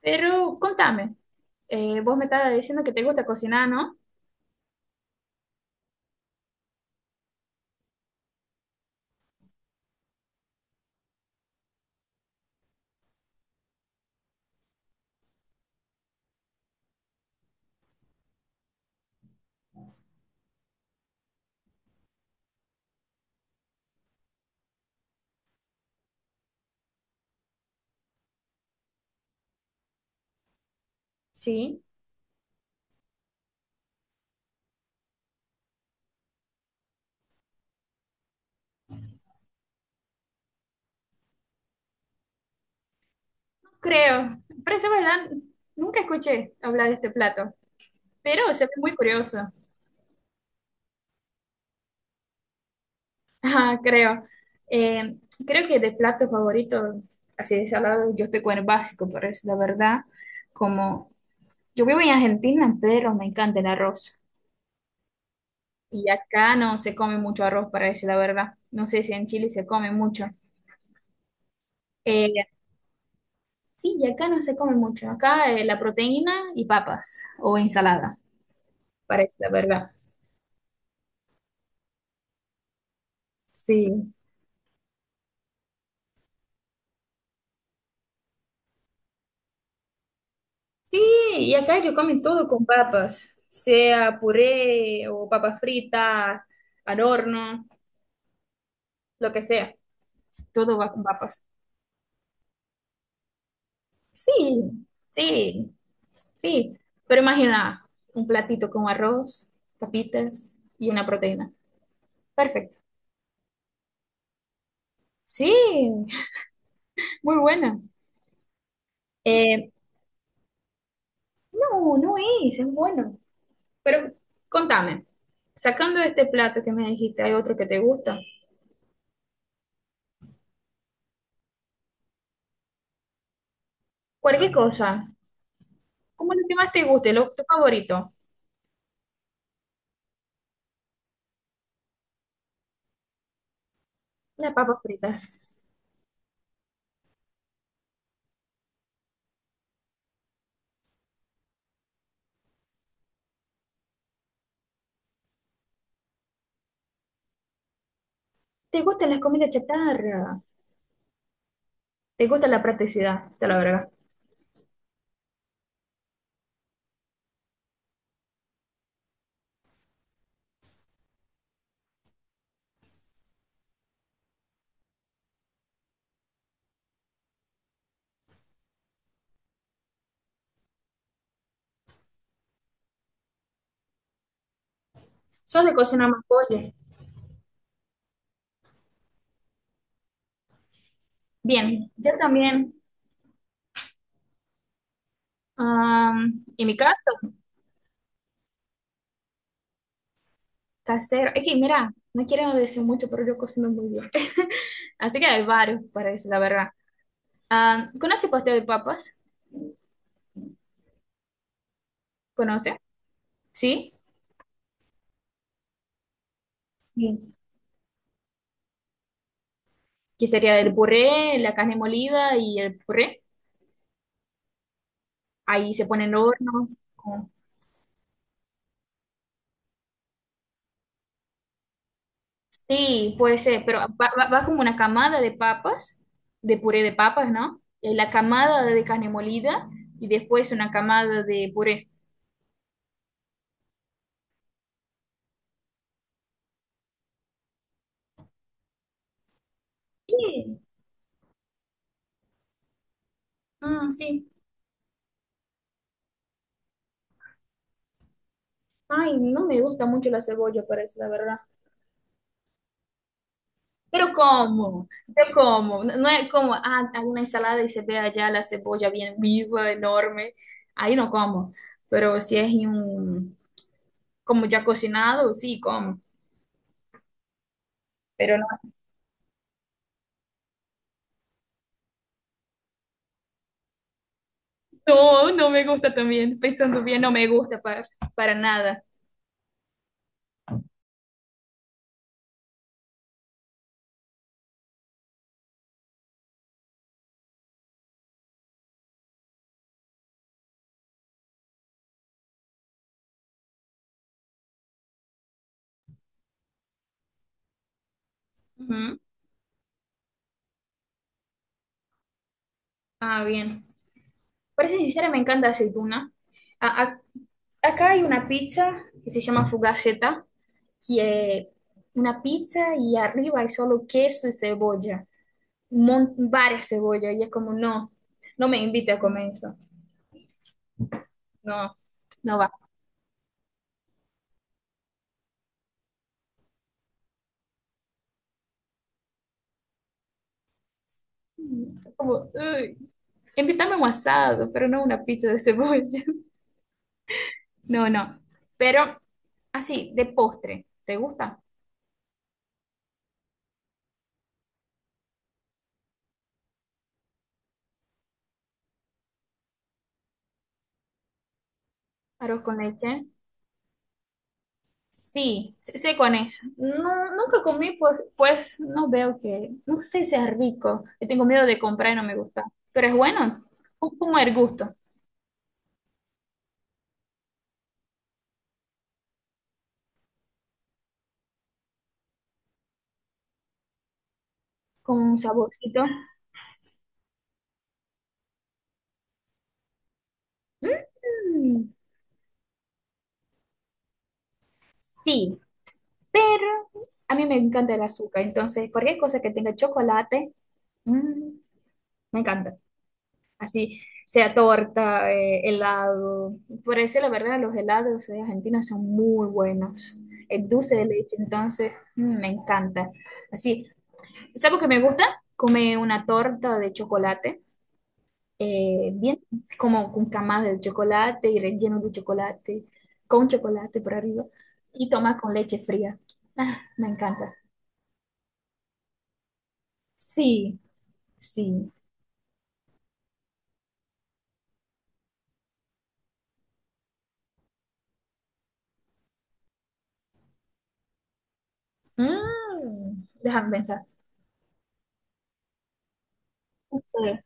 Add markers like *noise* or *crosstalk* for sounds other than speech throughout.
Pero contame, vos me estabas diciendo que te gusta cocinar, ¿no? Sí, creo. Parece verdad, nunca escuché hablar de este plato, pero se ve muy curioso. *laughs* Ah, creo. Eh, Creo que de plato favorito, así de salado, yo estoy con el básico, pero es la verdad, como yo vivo en Argentina, pero me encanta el arroz. Y acá no se come mucho arroz, para decir la verdad. No sé si en Chile se come mucho. Eh, Sí, y acá no se come mucho. Acá la proteína y papas o ensalada, parece la verdad. Sí. Sí, y acá yo como todo con papas, sea puré o papa frita, al horno, lo que sea. Todo va con papas. Sí, sí, sí. Pero imagina un platito con arroz, papitas y una proteína. Perfecto. Sí, *laughs* muy buena. Eh, no es, es bueno. Pero contame, sacando este plato que me dijiste, ¿hay otro que te gusta? Cualquier cosa, como lo que más te guste, lo, tu favorito, las papas fritas. ¿Te gustan las comidas chatarra? ¿Te gusta la practicidad? Te la verdad. Sos de cocinar más pollo. Bien, yo también. Am, en mi caso, casero. Es que, mira, no quiero decir mucho, pero yo cocino muy bien. *laughs* Así que hay varios para decir la verdad. Ah, ¿conoce pastel de papas? ¿Conoce? ¿Sí? Sí. Que sería el puré, la carne molida y el puré. Ahí se pone en el horno. Con- sí, puede ser, pero va, va como una camada de papas, de puré de papas, ¿no? La camada de carne molida y después una camada de puré. Sí, mm, sí. Ay, no me gusta mucho la cebolla, parece, la verdad. Pero como, yo como, no es como, ah, hago una ensalada y se ve allá la cebolla bien viva, enorme. Ahí no como, pero si es en un como ya cocinado, sí, como, pero no, no, no me gusta también, pensando bien, no me gusta para nada. Ujú. Ah, bien. Para ser sincera, me encanta aceituna. A- acá hay una pizza que se llama fugaceta, que es una pizza y arriba hay solo queso y cebolla, mon- varias cebollas, y es como, no, no me invite a comer eso, no, no va. Como, uy, invítame a un asado, pero no una pizza de cebolla. No, no. Pero así, de postre, ¿te gusta? Arroz con leche. Sí, sí, sí, con eso. No, nunca comí, pues, pues no veo que, no sé si sea rico. Yo tengo miedo de comprar y no me gusta. Pero es bueno, es como el gusto, con un saborcito. Mm, sí, pero a mí me encanta el azúcar. Entonces, cualquier cosa que tenga chocolate, mm, me encanta. Así sea torta, helado. Por eso la verdad los helados de Argentina son muy buenos. El dulce de leche entonces mm, me encanta. Así, ¿sabes lo que me gusta? Comer una torta de chocolate, bien como con camas de chocolate y relleno de chocolate, con chocolate por arriba, y tomar con leche fría. Ah, me encanta. Sí, sí. Mm, déjame pensar. Sí.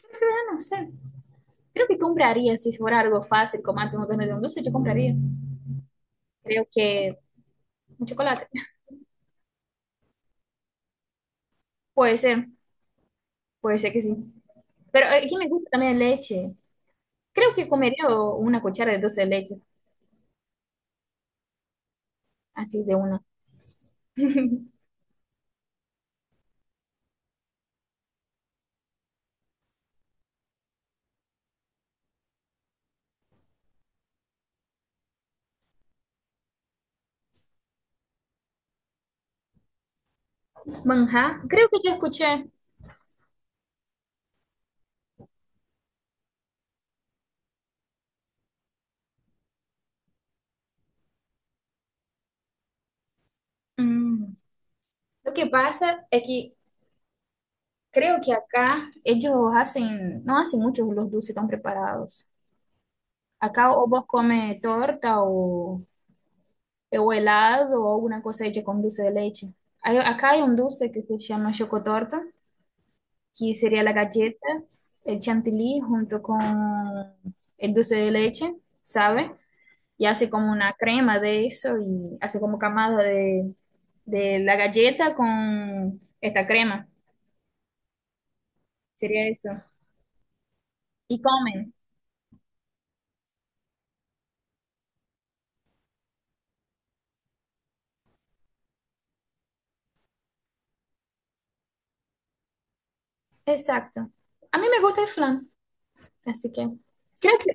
Pero esa verdad no sé. Creo que compraría, si fuera algo fácil, como antes no tener un dulce, yo compraría. Creo que un chocolate. Puede ser, puede ser que sí. Pero aquí me gusta también leche. Creo que comería o- una cuchara de dulce de leche, así de una. *laughs* Manjar, creo que yo escuché. Mm, lo que pasa es que creo que acá ellos hacen, no hacen muchos los dulces tan preparados. Acá o vos comes torta o helado o alguna cosa hecha con dulce de leche. Hay- acá hay un dulce que se llama chocotorta, que sería la galleta, el chantilly junto con el dulce de leche, ¿sabe? Y hace como una crema de eso y hace como camada de la galleta con esta crema. Sería eso. Y comen. Exacto. A mí me gusta el flan, así que creo que,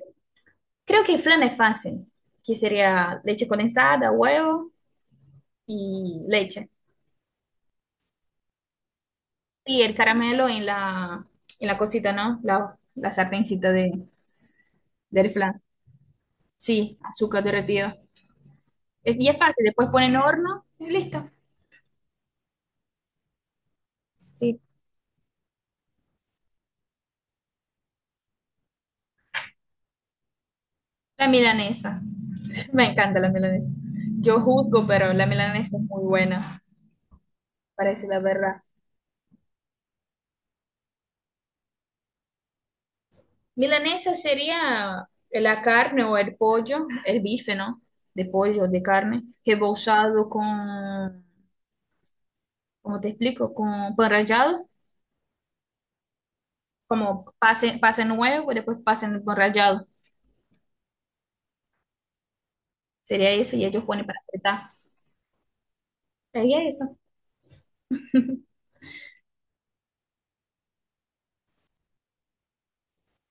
creo que el flan es fácil, que sería leche condensada, huevo y leche. Sí, el caramelo en la cosita, ¿no? La sartencita de, del flan. Sí, azúcar derretido. Es- y es fácil, después ponen horno y listo. Sí, la milanesa. *laughs* Me encanta la milanesa. Yo juzgo, pero la milanesa es muy buena, parece la verdad. Milanesa sería la carne o el pollo, el bife, ¿no? De pollo, de carne, rebozado con, ¿cómo te explico? Con pan rallado, como pase, pase nuevo y después pase en pan rallado. Sería eso y ellos ponen para apretar. Sería eso.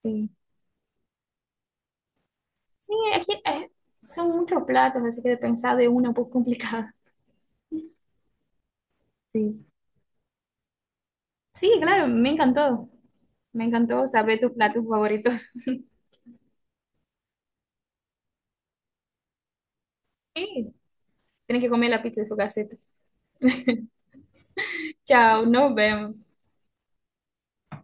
Sí. Sí, es que son muchos platos, así que de pensar de uno es un poco *laughs* complicado. Sí. Sí, claro, me encantó. Me encantó saber tus platos favoritos. *laughs* Sí, tienes que comer la pizza de su caseta. *laughs* Chao, nos vemos.